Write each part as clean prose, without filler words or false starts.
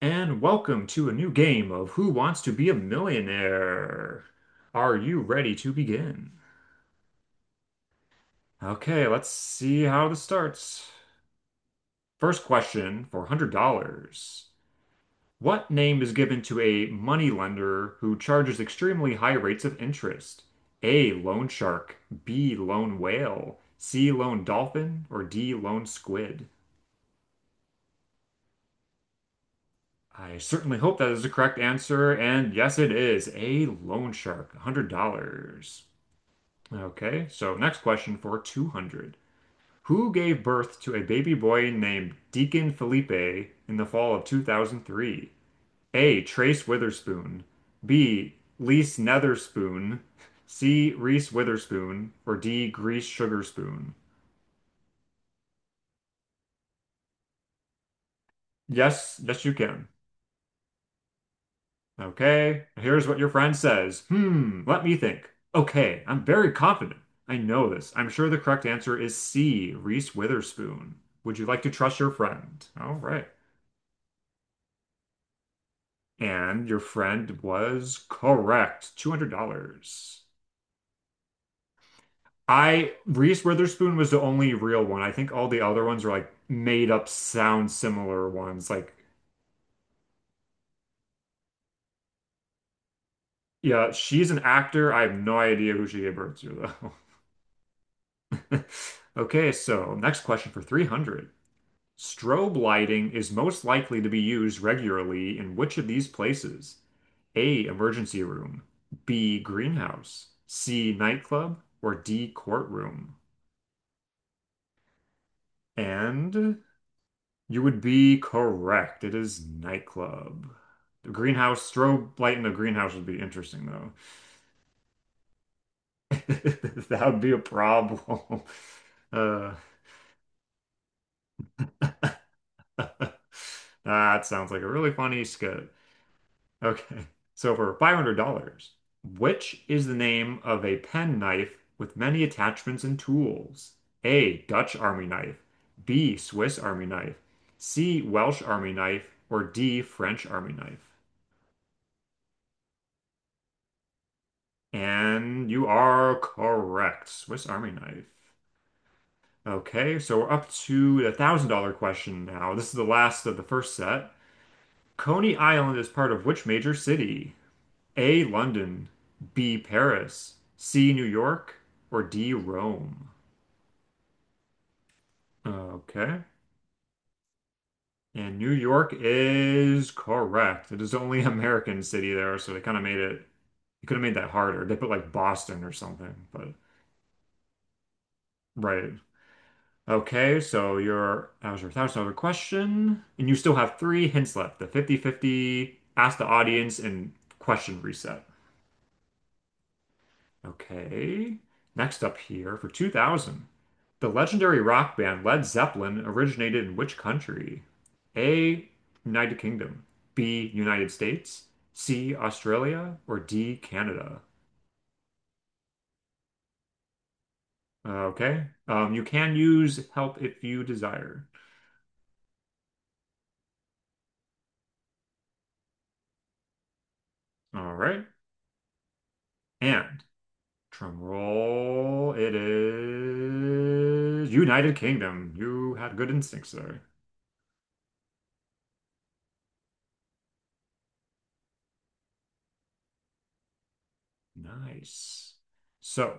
And welcome to a new game of Who Wants to Be a Millionaire? Are you ready to begin? Okay, let's see how this starts. First question for $100. What name is given to a moneylender who charges extremely high rates of interest? A. Loan shark, B. Lone whale, C. Lone dolphin, or D. Lone squid? I certainly hope that is the correct answer, and yes, it is. A loan shark, $100. Okay, so next question for 200. Who gave birth to a baby boy named Deacon Felipe in the fall of 2003? A. Trace Witherspoon. B. Lise Netherspoon. C. Reese Witherspoon. Or D. Grease Sugarspoon? Yes, yes, you can. Okay, here's what your friend says. Hmm, let me think. Okay, I'm very confident. I know this. I'm sure the correct answer is C. Reese Witherspoon. Would you like to trust your friend? All right. And your friend was correct. $200. Reese Witherspoon was the only real one. I think all the other ones are like made up sound similar ones. Like, yeah, she's an actor. I have no idea who she gave birth to, though. Okay, so next question for 300. Strobe lighting is most likely to be used regularly in which of these places? A, emergency room, B, greenhouse, C, nightclub, or D, courtroom? And you would be correct. It is nightclub. The greenhouse, strobe light in the greenhouse would be interesting though. That would be a problem. Uh, that sounds like a really funny skit. Okay. So for $500, which is the name of a pen knife with many attachments and tools? A. Dutch Army knife. B. Swiss Army knife. C. Welsh Army knife. Or D. French Army knife. And you are correct. Swiss Army knife. Okay, so we're up to the $1,000 question now. This is the last of the first set. Coney Island is part of which major city? A. London, B. Paris, C. New York, or D. Rome? Okay. And New York is correct. It is the only American city there, so they kind of made it, they could have made that harder. They put like Boston or something, but right. Okay, so your that was your $1,000 question, and you still have three hints left. The fifty-fifty, ask the audience, and question reset. Okay. Next up here for 2000. The legendary rock band Led Zeppelin originated in which country? A, United Kingdom, B, United States, C, Australia, or D, Canada? Okay. You can use help if you desire. All right. And Drum roll. It is United Kingdom. You had good instincts there. Nice. So,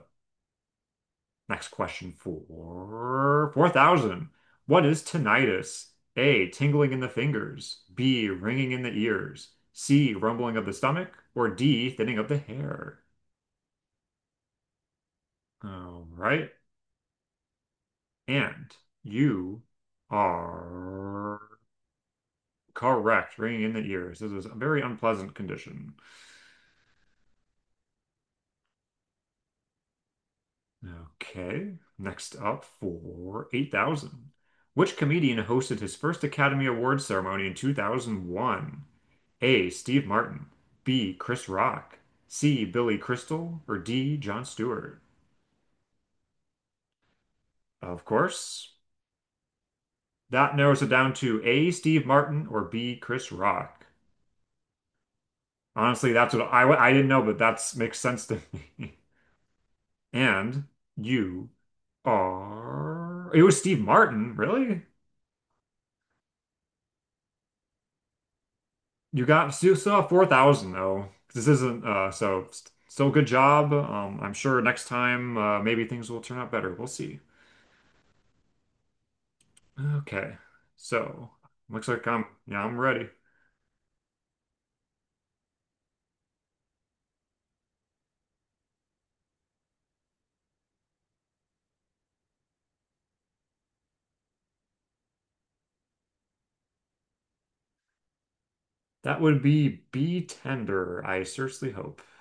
next question for 4,000. What is tinnitus? A, tingling in the fingers. B, ringing in the ears. C, rumbling of the stomach. Or D, thinning of the hair. All right. And you are correct. Ringing in the ears. This is a very unpleasant condition. Okay. Next up for 8,000. Which comedian hosted his first Academy Awards ceremony in 2001? A. Steve Martin. B. Chris Rock. C. Billy Crystal. Or D. Jon Stewart. Of course, that narrows it down to A. Steve Martin or B. Chris Rock. Honestly, that's what I didn't know, but that makes sense to me. And you are. It was Steve Martin, really? You got still have 4,000 though. This isn't so still good job. I'm sure next time maybe things will turn out better. We'll see. Okay. So, looks like I'm, yeah, I'm ready. That would be tender, I seriously hope.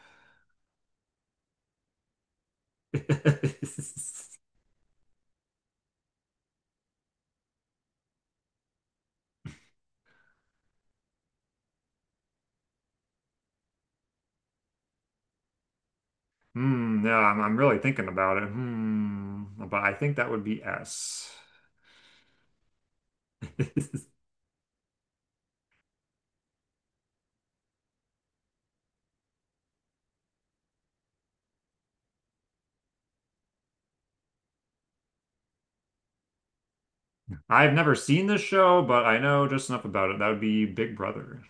Hmm, yeah, I'm really thinking about it. But I think that would be S. I've never seen this show, but I know just enough about it. That would be Big Brother.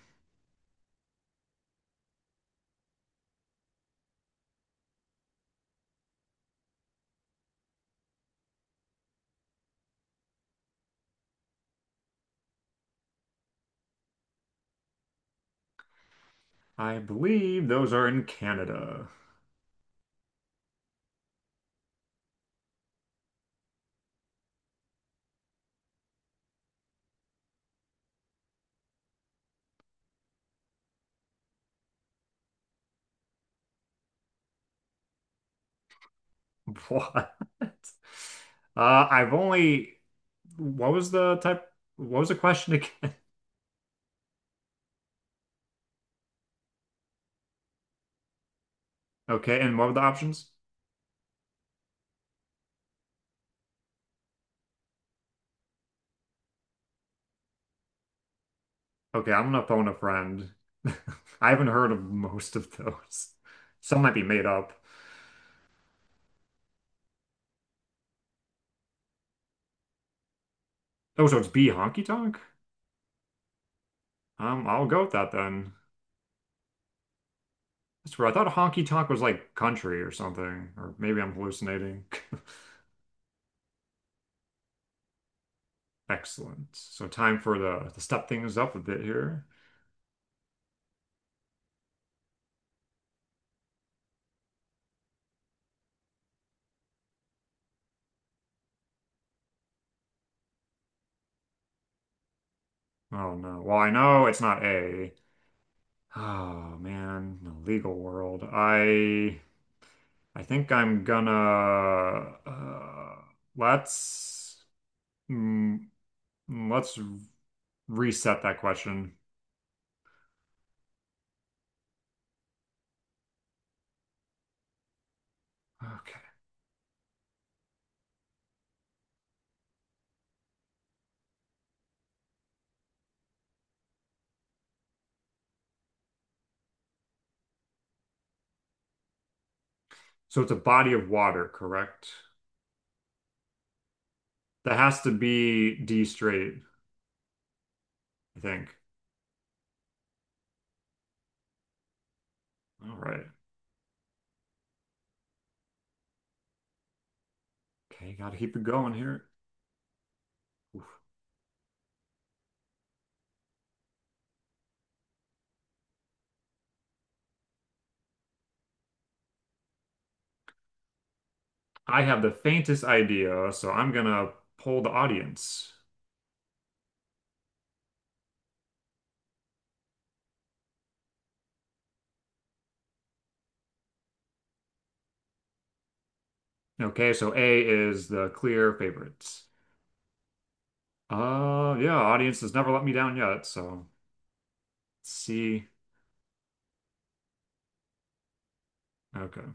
I believe those are in Canada. What? Uh, I've only. What was the type? What was the question again? Okay, and what were the options? Okay, I'm gonna phone a friend. I haven't heard of most of those. Some might be made up. Oh, so it's B honky tonk? I'll go with that then. That's weird. I thought honky tonk was like country or something, or maybe I'm hallucinating. Excellent. So time for the to step things up a bit here. Oh no. Well, I know it's not A. Oh man, the legal world. I think I'm gonna uh, let's mm, let's reset that question. Okay. So it's a body of water, correct? That has to be D straight, I think. All right. Okay, gotta keep it going here. I have the faintest idea, so I'm gonna poll the audience. Okay, so A is the clear favorites. Yeah, audience has never let me down yet, so let's see. Okay.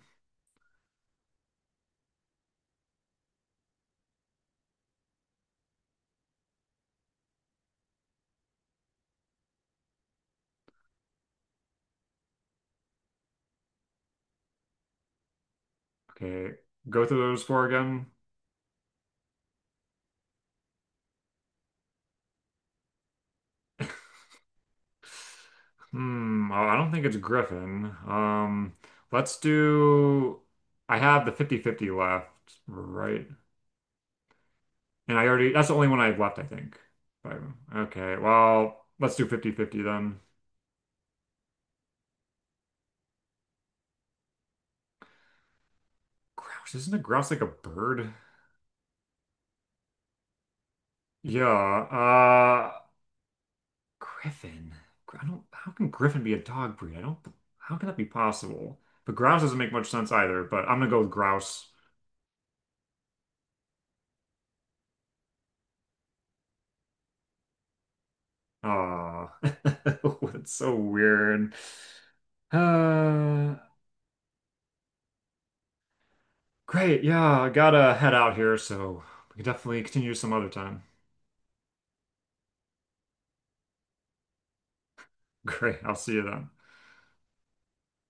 Okay. Go through those four again. Hmm, oh, I don't think it's Griffin. Let's do I have the fifty-fifty left, right? And I already that's the only one I have left, I think. If Okay, well, let's do fifty-fifty then. Grouse, isn't a grouse like a bird? Yeah. Griffin. I don't. How can Griffin be a dog breed? I don't. How can that be possible? But grouse doesn't make much sense either. But I'm gonna go with grouse. Ah, it's so weird. Uh, Great. Yeah, I gotta head out here, so we can definitely continue some other time. Great. I'll see you then.